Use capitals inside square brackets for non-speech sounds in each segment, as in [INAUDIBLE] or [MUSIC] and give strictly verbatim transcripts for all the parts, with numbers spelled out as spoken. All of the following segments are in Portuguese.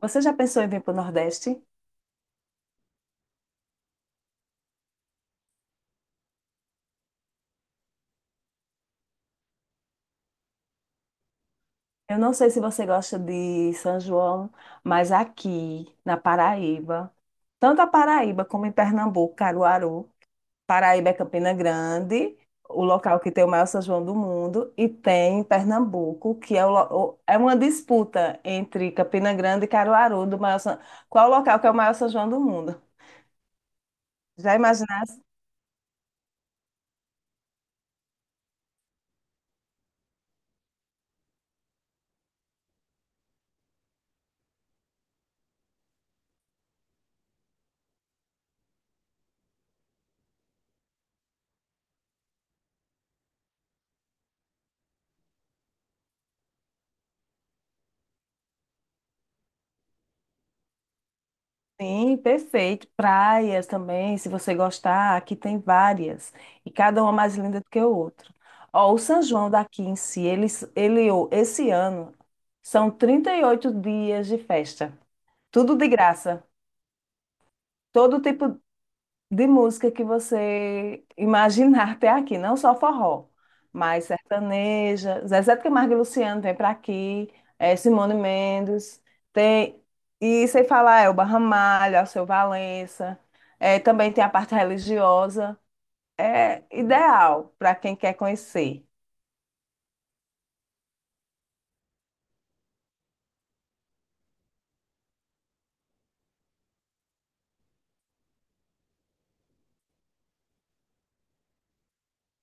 Você já pensou em vir para o Nordeste? Eu não sei se você gosta de São João, mas aqui na Paraíba, tanto a Paraíba como em Pernambuco, Caruaru, Paraíba é Campina Grande, o local que tem o maior São João do mundo, e tem Pernambuco, que é, o lo- o- é uma disputa entre Campina Grande e Caruaru do maior São... Qual o local que é o maior São João do mundo? Já imaginaste? Sim, perfeito. Praias também, se você gostar, aqui tem várias. E cada uma mais linda do que o outro. Ó, o São João daqui em si, ele, ele, ó, esse ano, são trinta e oito dias de festa. Tudo de graça. Todo tipo, de música que você imaginar até aqui, não só forró, mas sertaneja, Zezé de Camargo e Luciano vem para aqui, eh, Simone Mendes, tem, e sem falar Elba Ramalho, Alceu Valença, eh, também tem a parte religiosa, é ideal para quem quer conhecer.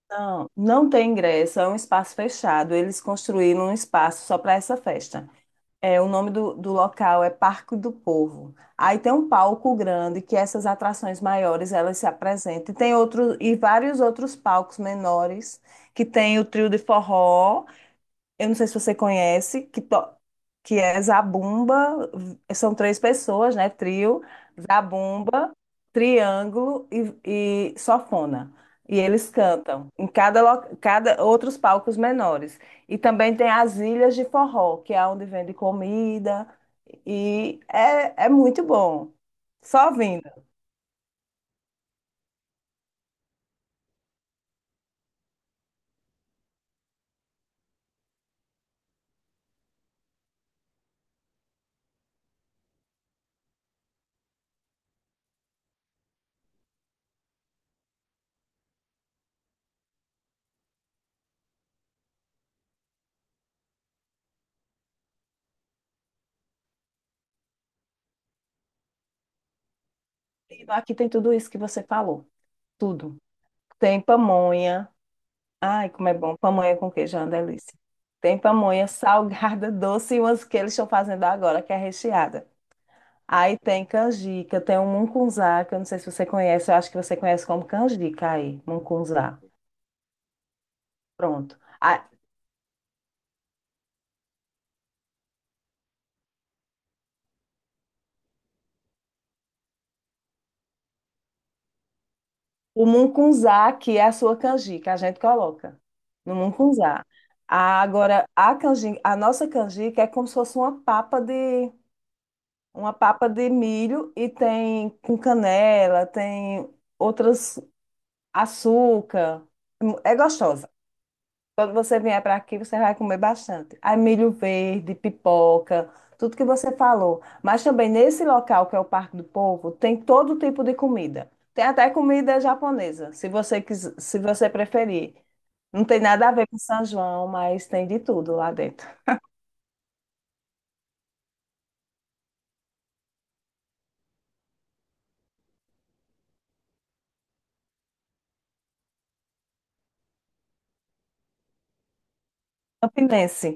Não, não tem ingresso, é um espaço fechado. Eles construíram um espaço só para essa festa. É, o nome do, do local é Parque do Povo. Aí tem um palco grande que essas atrações maiores elas se apresentam. E tem outro, e vários outros palcos menores que tem o trio de forró, eu não sei se você conhece, que, to- que é Zabumba, são três pessoas, né? Trio, Zabumba, Triângulo e, e Sofona. E eles cantam em cada, lo- cada outros palcos menores. E também tem as Ilhas de Forró, que é onde vende comida. E é, é muito bom. Só vindo. Aqui tem tudo isso que você falou. Tudo. Tem pamonha. Ai, como é bom. Pamonha com queijo é uma delícia. Tem pamonha salgada, [LAUGHS] doce e umas que eles estão fazendo agora, que é recheada. Aí tem canjica, tem um mungunzá, que eu não sei se você conhece, eu acho que você conhece como canjica aí, mungunzá. Pronto. Ah, o mungunzá aqui é a sua canjica, a gente coloca no mungunzá. Ah, agora, a canjica, a nossa canjica é como se fosse uma papa de, uma papa de milho e tem com canela, tem outras açúcar. É gostosa. Quando você vier para aqui, você vai comer bastante. Aí milho verde, pipoca, tudo que você falou. Mas também nesse local, que é o Parque do Povo, tem todo tipo de comida. Tem até comida japonesa, se você quiser, se você preferir. Não tem nada a ver com São João, mas tem de tudo lá dentro. Campinense.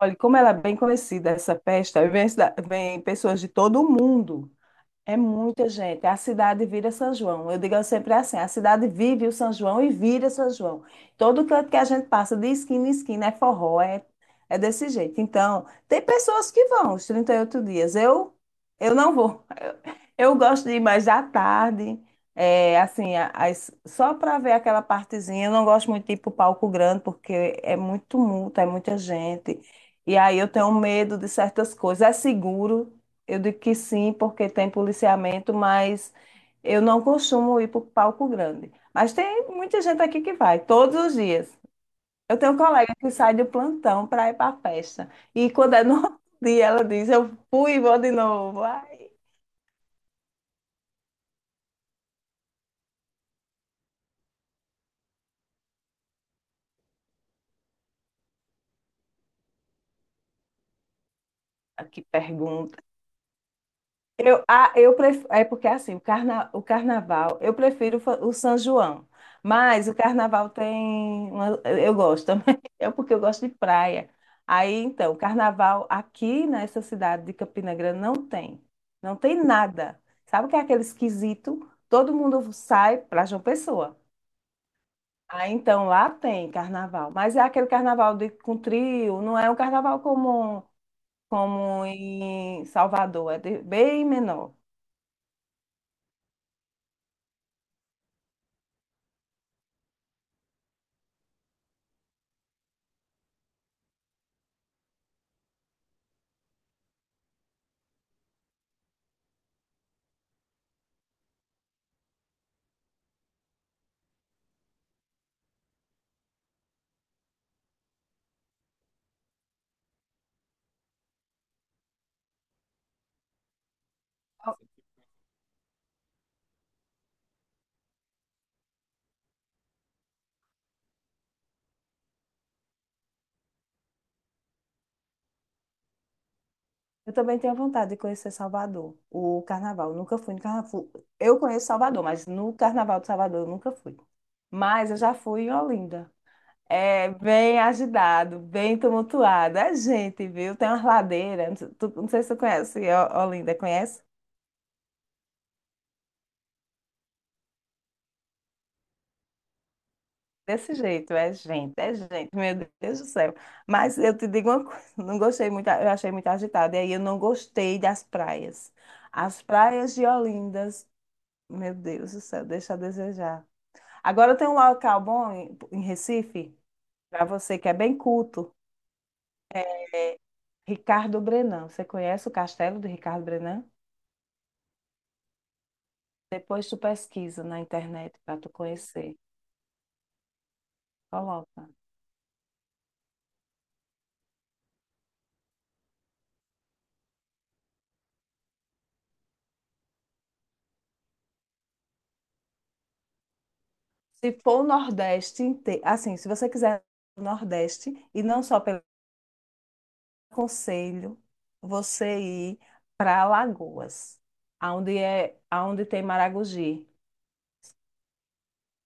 Olha, como ela é bem conhecida, essa festa, vem, cida- vem pessoas de todo o mundo. É muita gente. A cidade vira São João. Eu digo sempre assim: a cidade vive o São João e vira São João. Todo canto que a gente passa, de esquina em esquina, é forró, é, é desse jeito. Então, tem pessoas que vão os trinta e oito dias. Eu, eu não vou. Eu, eu gosto de ir mais à tarde, é, assim, a- as- só para ver aquela partezinha. Eu não gosto muito de ir para o palco grande, porque é muito tumulto, é muita gente. E aí eu tenho medo de certas coisas. É seguro. Eu digo que sim, porque tem policiamento, mas eu não costumo ir para o palco grande. Mas tem muita gente aqui que vai, todos os dias. Eu tenho um colega que sai do plantão para ir para a festa. E quando é no [LAUGHS] outro dia, ela diz: Eu fui e vou de novo. Ai, que pergunta. Eu, ah, eu prefiro, é porque assim, o, carna, o carnaval, eu prefiro fa- o São João, mas o carnaval tem, uma- eu eu gosto também, [LAUGHS] é porque eu gosto de praia. Aí, então, o carnaval aqui nessa cidade de Campina Grande não tem, não tem nada. Sabe o que é aquele esquisito? Todo mundo sai para João Pessoa. Aí, então, lá tem carnaval, mas é aquele carnaval de, com trio, não é um carnaval como, como em Salvador, é de- bem menor. Eu também tenho vontade de conhecer Salvador, o carnaval. Eu nunca fui no carnaval. Eu conheço Salvador, mas no carnaval de Salvador eu nunca fui. Mas eu já fui em Olinda. É bem agitado, bem tumultuado. É gente, viu? Tem umas ladeiras. Não tu- não sei se tu conhece O- Olinda, conhece? Desse jeito, é gente, é gente, meu Deus do céu. Mas eu te digo uma coisa, [LAUGHS] não gostei muito, eu achei muito agitado. E aí eu não gostei das praias. As praias de Olindas, meu Deus do céu, deixa a desejar. Agora tem um local bom em, em Recife, para você que é bem culto, Ricardo Brennand. Você conhece o castelo de Ricardo Brennand? Depois tu pesquisa na internet para tu conhecer. Coloca. Se for o Nordeste inteiro, assim, se você quiser o Nordeste, e não só pelo conselho, você ir para Alagoas, aonde é, aonde tem Maragogi.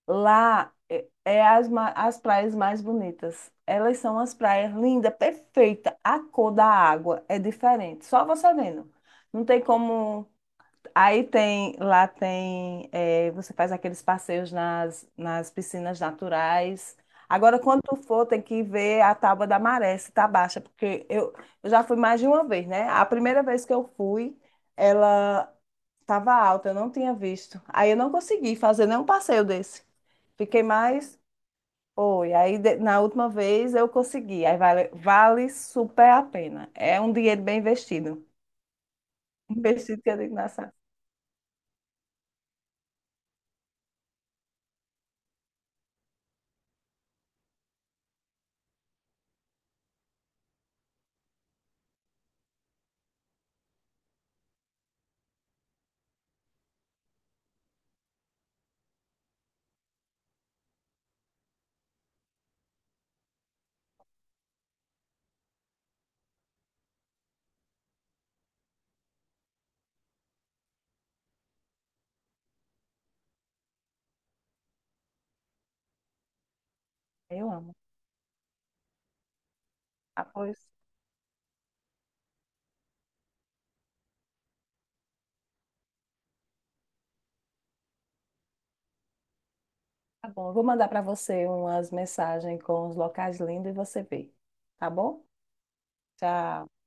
Lá é, é as, ma- as praias mais bonitas. Elas são as praias lindas, perfeita. A cor da água é diferente. Só você vendo. Não tem como. Aí tem, lá tem, é, você faz aqueles passeios nas, nas piscinas naturais. Agora, quando tu for, tem que ver a tábua da maré, se tá baixa, porque eu, eu já fui mais de uma vez, né? A primeira vez que eu fui, ela estava alta, eu não tinha visto. Aí eu não consegui fazer nenhum passeio desse. Fiquei mais. Foi. Aí de- na última vez eu consegui. Aí vale, vale super a pena. É um dinheiro bem investido. [LAUGHS] Investido que eu digo, nossa, eu amo. Ah, pois tá bom. Eu vou mandar para você umas mensagens com os locais lindos e você vê. Tá bom? Tchau.